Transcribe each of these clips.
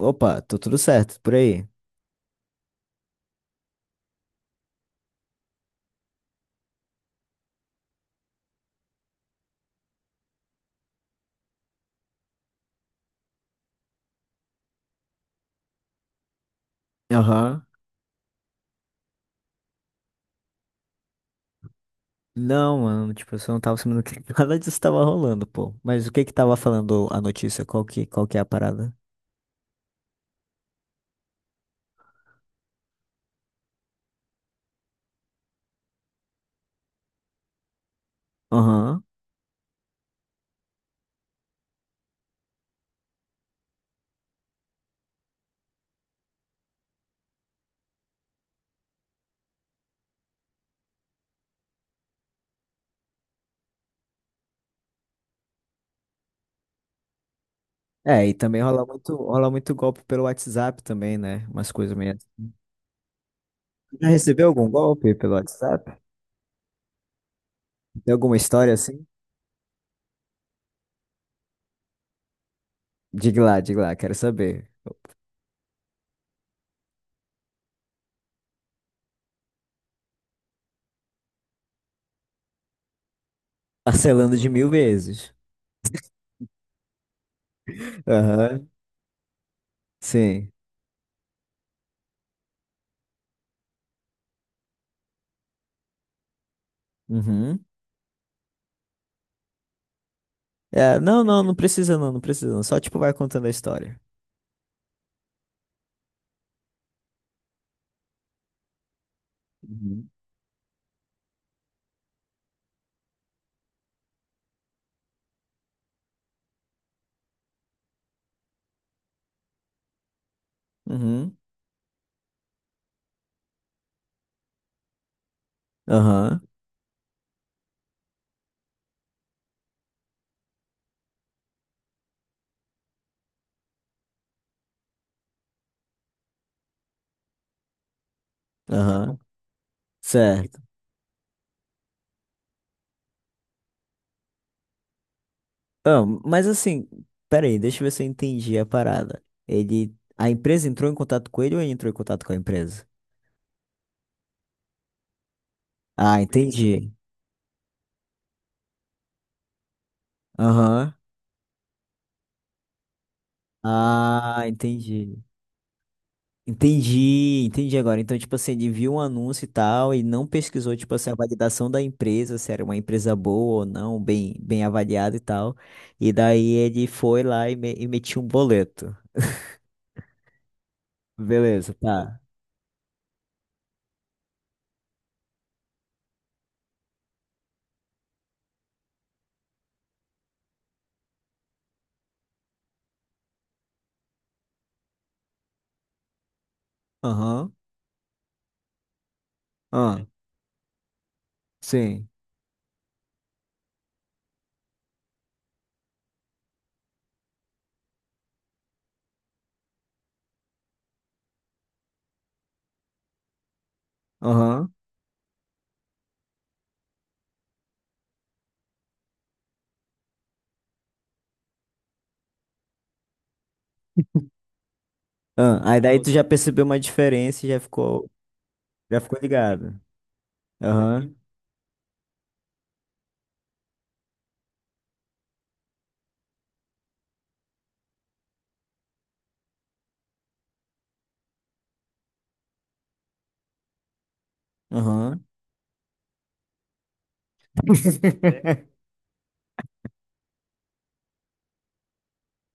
Opa, tô tudo certo, por aí. Aham. Não, mano, tipo, eu só não tava sabendo que nada disso tava rolando, pô. Mas o que que tava falando a notícia? Qual que é a parada? Aham. É, e também rola muito golpe pelo WhatsApp também, né? Umas coisas meio assim. Já recebeu algum golpe pelo WhatsApp? Tem alguma história assim? Diga lá, quero saber. Parcelando de mil vezes. Aham. Sim. Uhum. É, não, não, não precisa não, não precisa não. Só, tipo, vai contando a história. Uhum. Uhum. Aham. Aham, certo. Ah, mas assim, peraí, deixa eu ver se eu entendi a parada. A empresa entrou em contato com ele ou ele entrou em contato com a empresa? Ah, entendi. Aham. Ah, entendi. Entendi, entendi agora. Então, tipo assim, ele viu um anúncio e tal e não pesquisou, tipo assim, a validação da empresa, se era uma empresa boa ou não, bem, bem avaliada e tal. E daí ele foi lá e metiu um boleto. Beleza, tá. Aham. Ah, sim. Aham. Ah, aí daí tu já percebeu uma diferença e já ficou ligado. Aham, aham.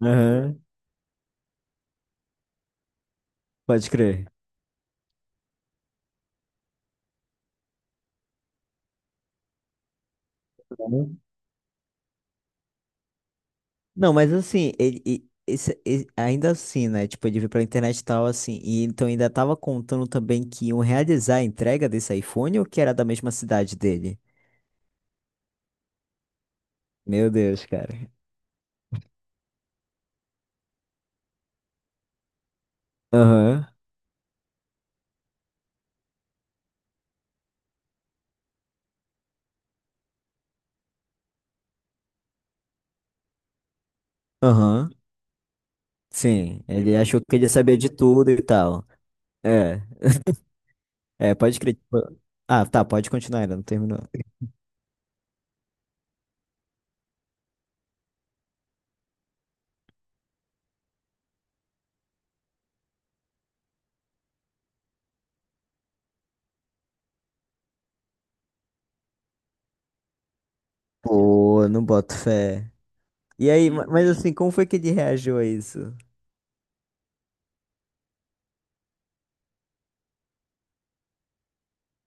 Aham, pode crer. Uhum. Não, mas assim, ele, e- esse- e- ainda assim, né? Tipo, ele veio pra internet e tal, assim. E então ainda tava contando também que iam realizar a entrega desse iPhone ou que era da mesma cidade dele? Meu Deus, cara. Aham, aham. Sim, ele achou que ele sabia de tudo e tal. É. É, pode crer. Ah, tá, pode continuar, ainda não terminou. Pô, não boto fé. E aí, mas assim, como foi que ele reagiu a isso?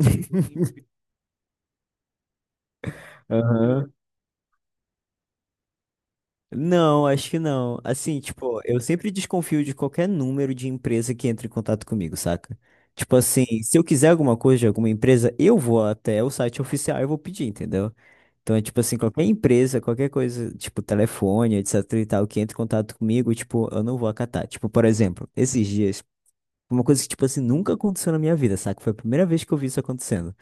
Aham. Não, acho que não. Assim, tipo, eu sempre desconfio de qualquer número de empresa que entre em contato comigo, saca? Tipo assim, se eu quiser alguma coisa de alguma empresa, eu vou até o site oficial e vou pedir, entendeu? Então é tipo assim, qualquer empresa, qualquer coisa, tipo telefone, etc e tal, que entre em contato comigo, tipo, eu não vou acatar. Tipo, por exemplo, esses dias, uma coisa que, tipo assim, nunca aconteceu na minha vida, saca? Foi a primeira vez que eu vi isso acontecendo.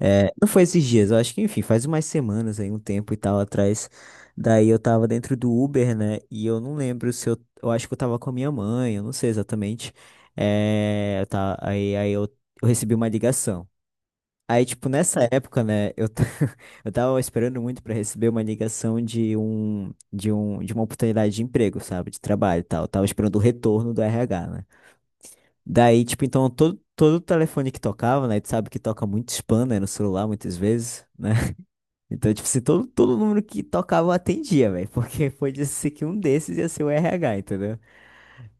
É, não foi esses dias, eu acho que, enfim, faz umas semanas aí, um tempo e tal atrás. Daí eu tava dentro do Uber, né? E eu não lembro se eu. Eu acho que eu tava com a minha mãe, eu não sei exatamente. É, tá, aí eu recebi uma ligação. Aí, tipo, nessa época, né, eu tava esperando muito pra receber uma ligação de uma oportunidade de emprego, sabe? De trabalho e tal. Eu tava esperando o retorno do RH, né? Daí, tipo, então todo telefone que tocava, né? Tu sabe que toca muito spam, né? No celular, muitas vezes, né? Então, tipo, se todo número que tocava eu atendia, velho. Porque foi ser que um desses ia ser o RH, entendeu?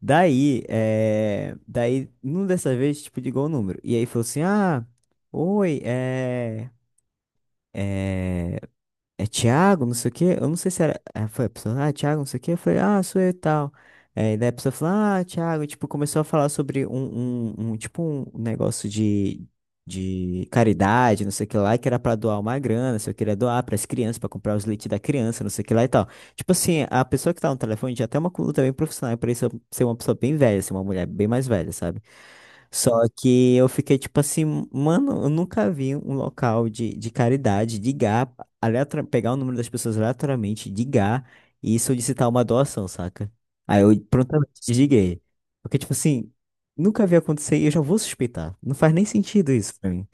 Daí, numa dessa vez, tipo, ligou o número. E aí falou assim, ah, oi, é, Thiago, não sei o quê. Eu não sei se era. Foi a pessoa, ah, Thiago, não sei o quê. Eu falei, ah, sou eu e tal. É, e daí a pessoa falou, ah, Thiago, e, tipo, começou a falar sobre tipo, um negócio de caridade, não sei o que lá, que era pra doar uma grana, se eu queria doar pras crianças, pra comprar os leites da criança, não sei o que lá e tal. Tipo assim, a pessoa que tá no telefone já tem uma conduta bem profissional, pra isso ser uma pessoa bem velha, ser uma mulher bem mais velha, sabe? Só que eu fiquei tipo assim, mano, eu nunca vi um local de caridade, de GAP pegar o número das pessoas aleatoriamente, ligar e solicitar uma doação, saca? Aí eu prontamente desliguei. Porque, tipo assim, nunca vi acontecer e eu já vou suspeitar. Não faz nem sentido isso pra mim.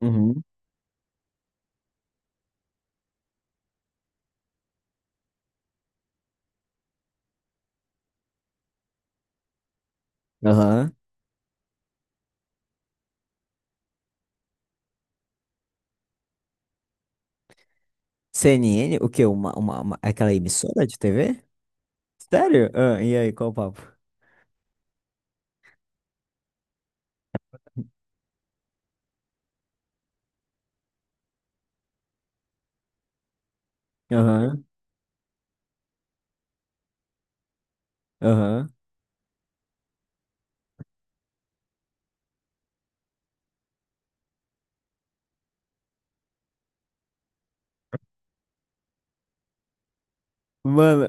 Uhum. Aham. CNN, o quê? Aquela emissora de TV? Sério? Ah, e aí, qual o papo? Aham, aham. Mano,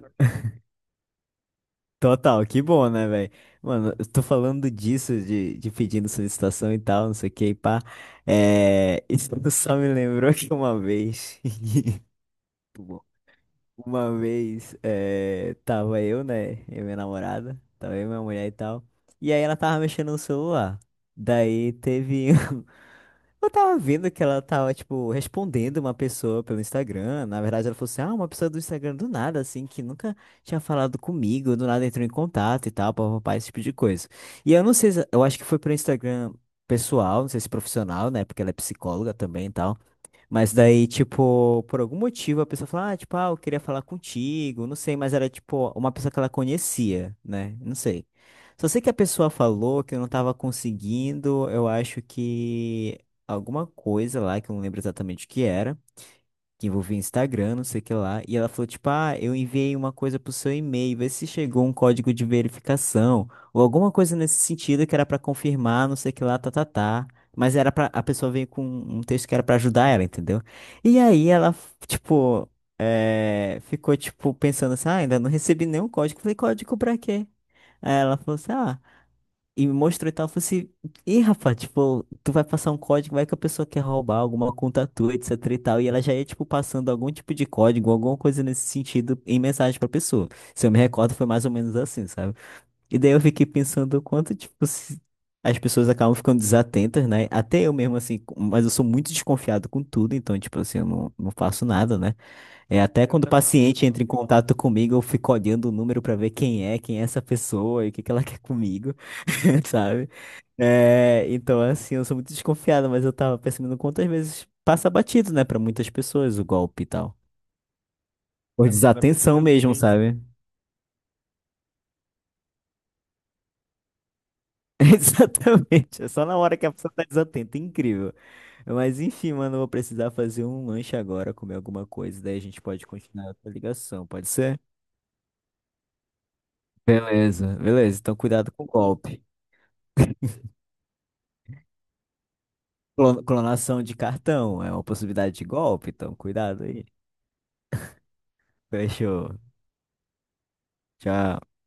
total, que bom, né, velho? Mano, eu tô falando disso, de pedindo solicitação e tal, não sei o que, e pá. É, isso só me lembrou que uma vez, muito bom. Uma vez, é, tava eu, né, e minha namorada, tava eu, minha mulher e tal, e aí ela tava mexendo no celular. Daí teve eu tava vendo que ela tava, tipo, respondendo uma pessoa pelo Instagram. Na verdade, ela falou assim: ah, uma pessoa do Instagram do nada, assim, que nunca tinha falado comigo, do nada entrou em contato e tal, papapá, esse tipo de coisa. E eu não sei, eu acho que foi pro Instagram pessoal, não sei se profissional, né? Porque ela é psicóloga também e tal. Mas daí, tipo, por algum motivo a pessoa fala, ah, tipo, ah, eu queria falar contigo, não sei, mas era, tipo, uma pessoa que ela conhecia, né? Não sei. Só sei que a pessoa falou que eu não tava conseguindo, eu acho que alguma coisa lá, que eu não lembro exatamente o que era que envolvia Instagram, não sei o que lá. E ela falou, tipo, ah, eu enviei uma coisa pro seu e-mail, vê se chegou um código de verificação, ou alguma coisa nesse sentido que era pra confirmar, não sei o que lá, tá, tá, tá. Mas era a pessoa veio com um texto que era pra ajudar ela, entendeu? E aí ela, tipo, ficou, tipo, pensando assim, ah, ainda não recebi nenhum código. Falei, código pra quê? Aí ela falou assim, ah, e me mostrou e tal, eu falei assim, ih, rapaz, tipo, tu vai passar um código, vai que a pessoa quer roubar alguma conta tua, etc e tal, e ela já ia, tipo, passando algum tipo de código, alguma coisa nesse sentido, em mensagem pra pessoa. Se eu me recordo, foi mais ou menos assim, sabe? E daí eu fiquei pensando o quanto, tipo, as pessoas acabam ficando desatentas, né? Até eu mesmo, assim, mas eu sou muito desconfiado com tudo, então, tipo assim, eu não faço nada, né? É, até quando o paciente entra em contato comigo, eu fico olhando o número para ver quem é, essa pessoa e o que que ela quer comigo, sabe? É, então, assim, eu sou muito desconfiado, mas eu tava percebendo quantas vezes passa batido, né, para muitas pessoas o golpe e tal. Por desatenção mesmo, sabe? Exatamente. É só na hora que a pessoa tá desatenta. É incrível. Mas enfim, mano, eu vou precisar fazer um lanche agora, comer alguma coisa. Daí a gente pode continuar a ligação, pode ser? Beleza, beleza. Então, cuidado com o golpe. Clonação de cartão é uma possibilidade de golpe, então cuidado aí. Fechou. Tchau.